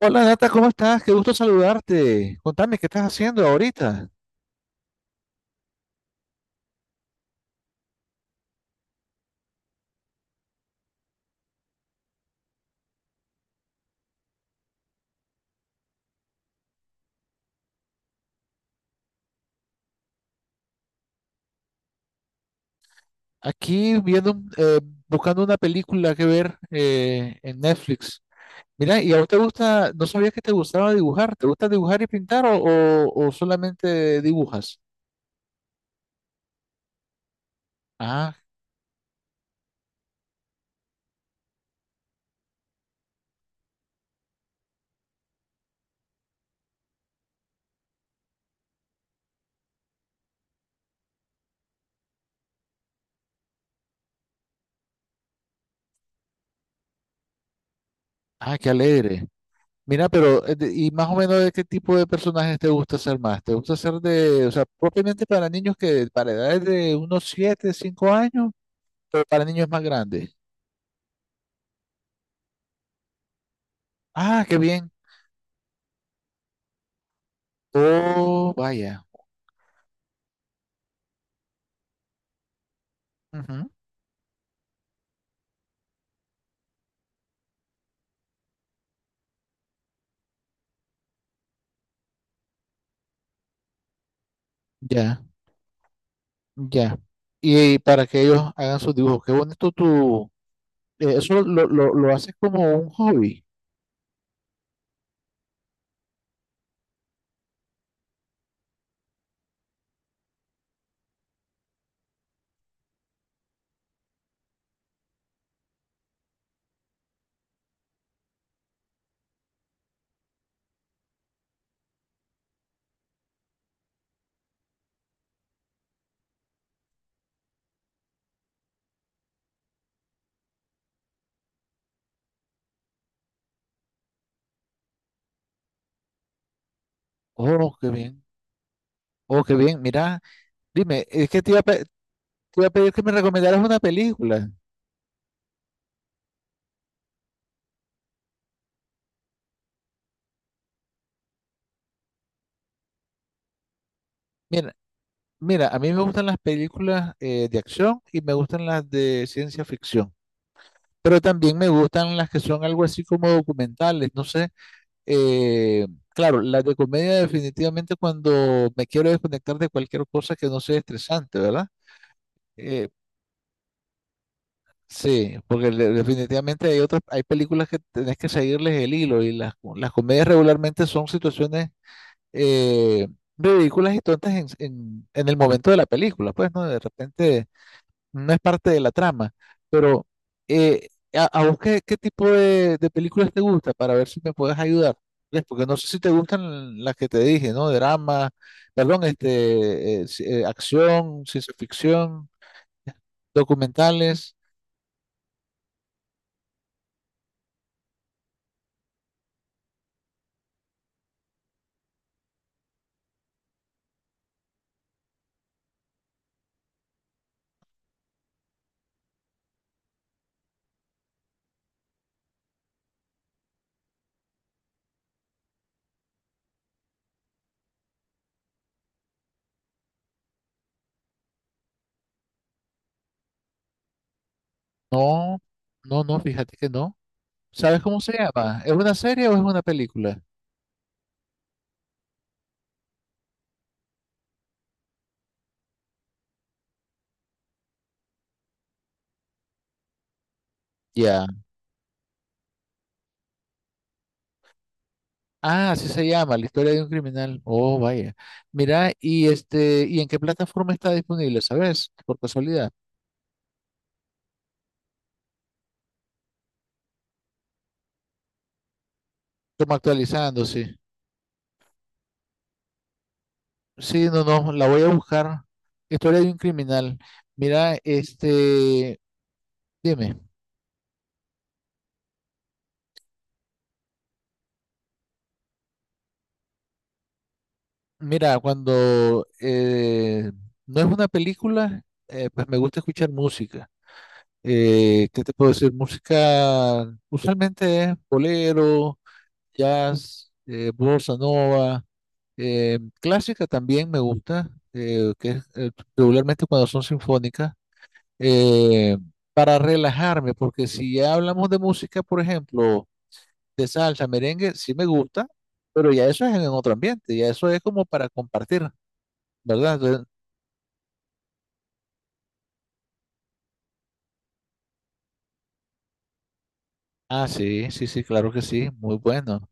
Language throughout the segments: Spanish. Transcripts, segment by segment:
Hola Nata, ¿cómo estás? Qué gusto saludarte. Contame, ¿qué estás haciendo ahorita? Aquí viendo, buscando una película que ver en Netflix. Mira, ¿y a vos te gusta, no sabía que te gustaba dibujar? ¿Te gusta dibujar y pintar o solamente dibujas? Ah, ah, qué alegre. Mira, pero, ¿y más o menos de qué tipo de personajes te gusta hacer más? ¿Te gusta hacer de, o sea, propiamente para niños que, para edades de unos 7, 5 años, pero para niños más grandes? Ah, qué bien. Oh, vaya. Ujú. Ya, ya. Y para que ellos hagan sus dibujos. Qué bonito tu... Eso lo haces como un hobby. Oh, qué bien. Oh, qué bien. Mira, dime, es que te iba a pedir que me recomendaras una película. Mira, mira, a mí me gustan las películas de acción y me gustan las de ciencia ficción. Pero también me gustan las que son algo así como documentales. No sé. Claro, las de comedia definitivamente cuando me quiero desconectar de cualquier cosa que no sea estresante, ¿verdad? Eh, sí, porque definitivamente hay otras, hay películas que tenés que seguirles el hilo y las comedias regularmente son situaciones eh, ridículas y tontas en el momento de la película, pues, ¿no? De repente no es parte de la trama, pero a vos qué tipo de películas te gusta para ver si me puedes ayudar. ¿Ves? Porque no sé si te gustan las que te dije, ¿no? Drama, perdón, este, acción, ciencia ficción, documentales. No, no, fíjate que no. ¿Sabes cómo se llama? ¿Es una serie o es una película? Ya. Ah, así se llama, La historia de un criminal. Oh, vaya. Mira, y este, ¿y en qué plataforma está disponible, sabes? Por casualidad. Como actualizando, sí. Sí, no, no, la voy a buscar. Historia de un criminal. Mira, este, dime, mira, cuando no es una película, pues me gusta escuchar música. ¿Qué te puedo decir? Música usualmente es bolero, jazz, bossa nova, clásica también me gusta, que es regularmente cuando son sinfónicas. eh, para relajarme, porque si ya hablamos de música, por ejemplo, de salsa, merengue, sí me gusta, pero ya eso es en otro ambiente, ya eso es como para compartir, ¿verdad? Entonces, ah, sí, sí, sí, claro que sí, muy bueno.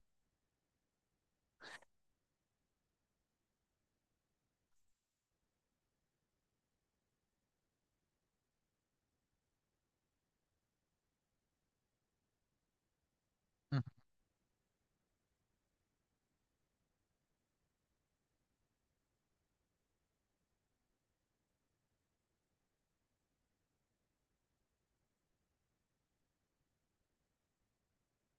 Mm.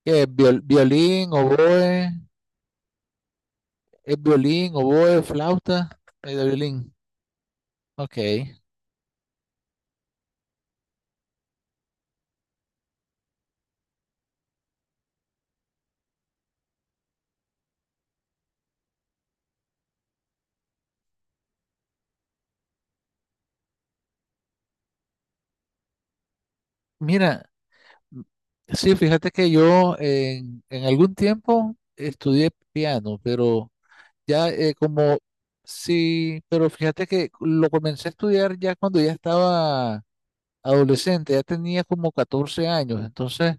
¿Qué? Violín, oboe, es violín, oboe, flauta, de violín. Ok, mira, m- sí, fíjate que yo en algún tiempo estudié piano, pero... Ya eh, como, sí, pero fíjate que lo comencé a estudiar ya cuando ya estaba adolescente, ya tenía como 14 años, entonces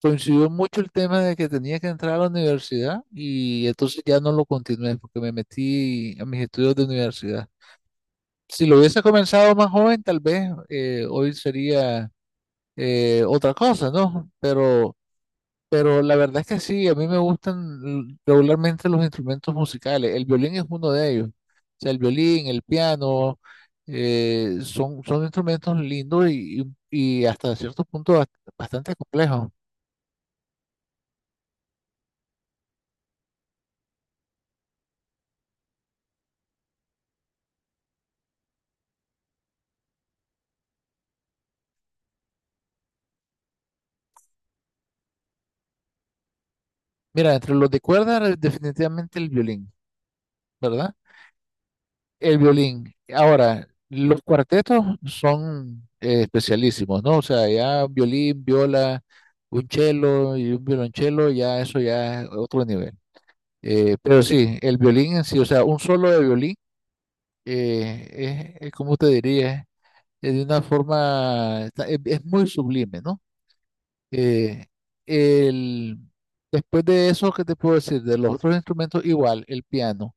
coincidió mucho el tema de que tenía que entrar a la universidad y entonces ya no lo continué porque me metí a mis estudios de universidad. Si lo hubiese comenzado más joven, tal vez hoy sería otra cosa, ¿no? Pero la verdad es que sí, a mí me gustan regularmente los instrumentos musicales. El violín es uno de ellos. O sea, el violín, el piano, son instrumentos lindos y hasta cierto punto bastante complejos. Mira, entre los de cuerda, definitivamente el violín, ¿verdad? El violín. Ahora, los cuartetos son especialísimos, ¿no? O sea, ya violín, viola, un cello y un violonchelo, ya eso ya es otro nivel. Pero sí, el violín en sí, o sea, un solo de violín, es como te diría, es de una forma, es muy sublime, ¿no? Eh, el, después de eso, ¿qué te puedo decir? De los otros instrumentos, igual, el piano,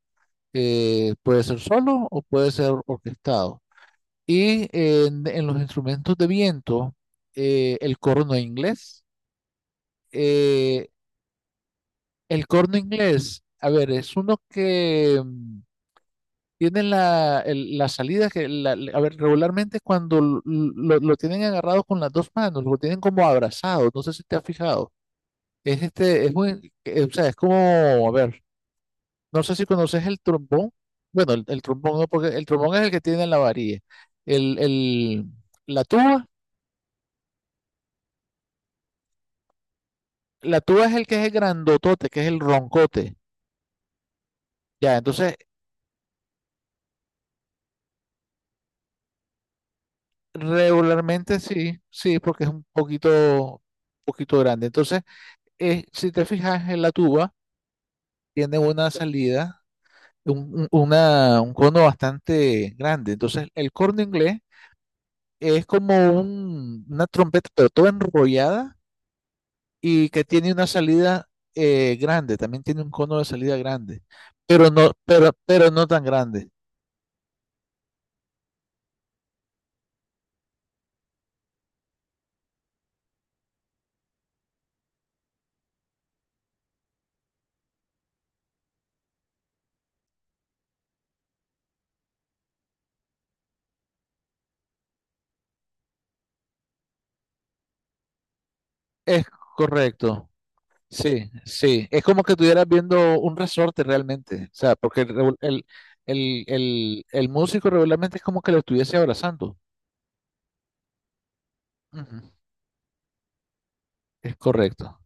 puede ser solo o puede ser orquestado. Y en los instrumentos de viento, eh, el corno inglés, eh, el corno inglés, a ver, es uno que... tienen la salida a ver, regularmente es cuando lo tienen agarrado con las dos manos, lo tienen como abrazado, no sé si te has fijado. Es este, es muy, o sea, es como, a ver, no sé si conoces el trombón. Bueno, el trombón no, porque el trombón es el que tiene la varilla. El, el, la tuba, la tuba es el que es el grandotote, que es el roncote. Ya, entonces, regularmente sí, sí, porque es un poquito, poquito grande. Entonces, si te fijas en la tuba, tiene una salida, un cono bastante grande. Entonces, el corno inglés es como una trompeta, pero toda enrollada y que tiene una salida grande, también tiene un cono de salida grande, pero no tan grande. Es correcto. Sí, sí, es como que estuvieras viendo un resorte realmente, o sea, porque el, revol- el músico regularmente es como que lo estuviese abrazando. Ujú. Es correcto.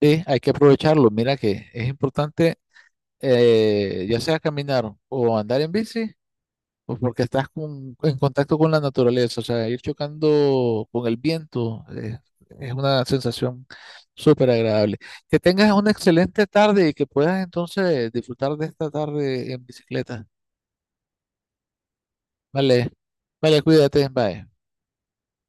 Sí, hay que aprovecharlo. Mira que es importante, ya sea caminar o andar en bici, o porque estás en contacto con la naturaleza, o sea, ir chocando con el viento, es una sensación súper agradable. Que tengas una excelente tarde y que puedas entonces disfrutar de esta tarde en bicicleta. Vale, vale, cuídate, bye.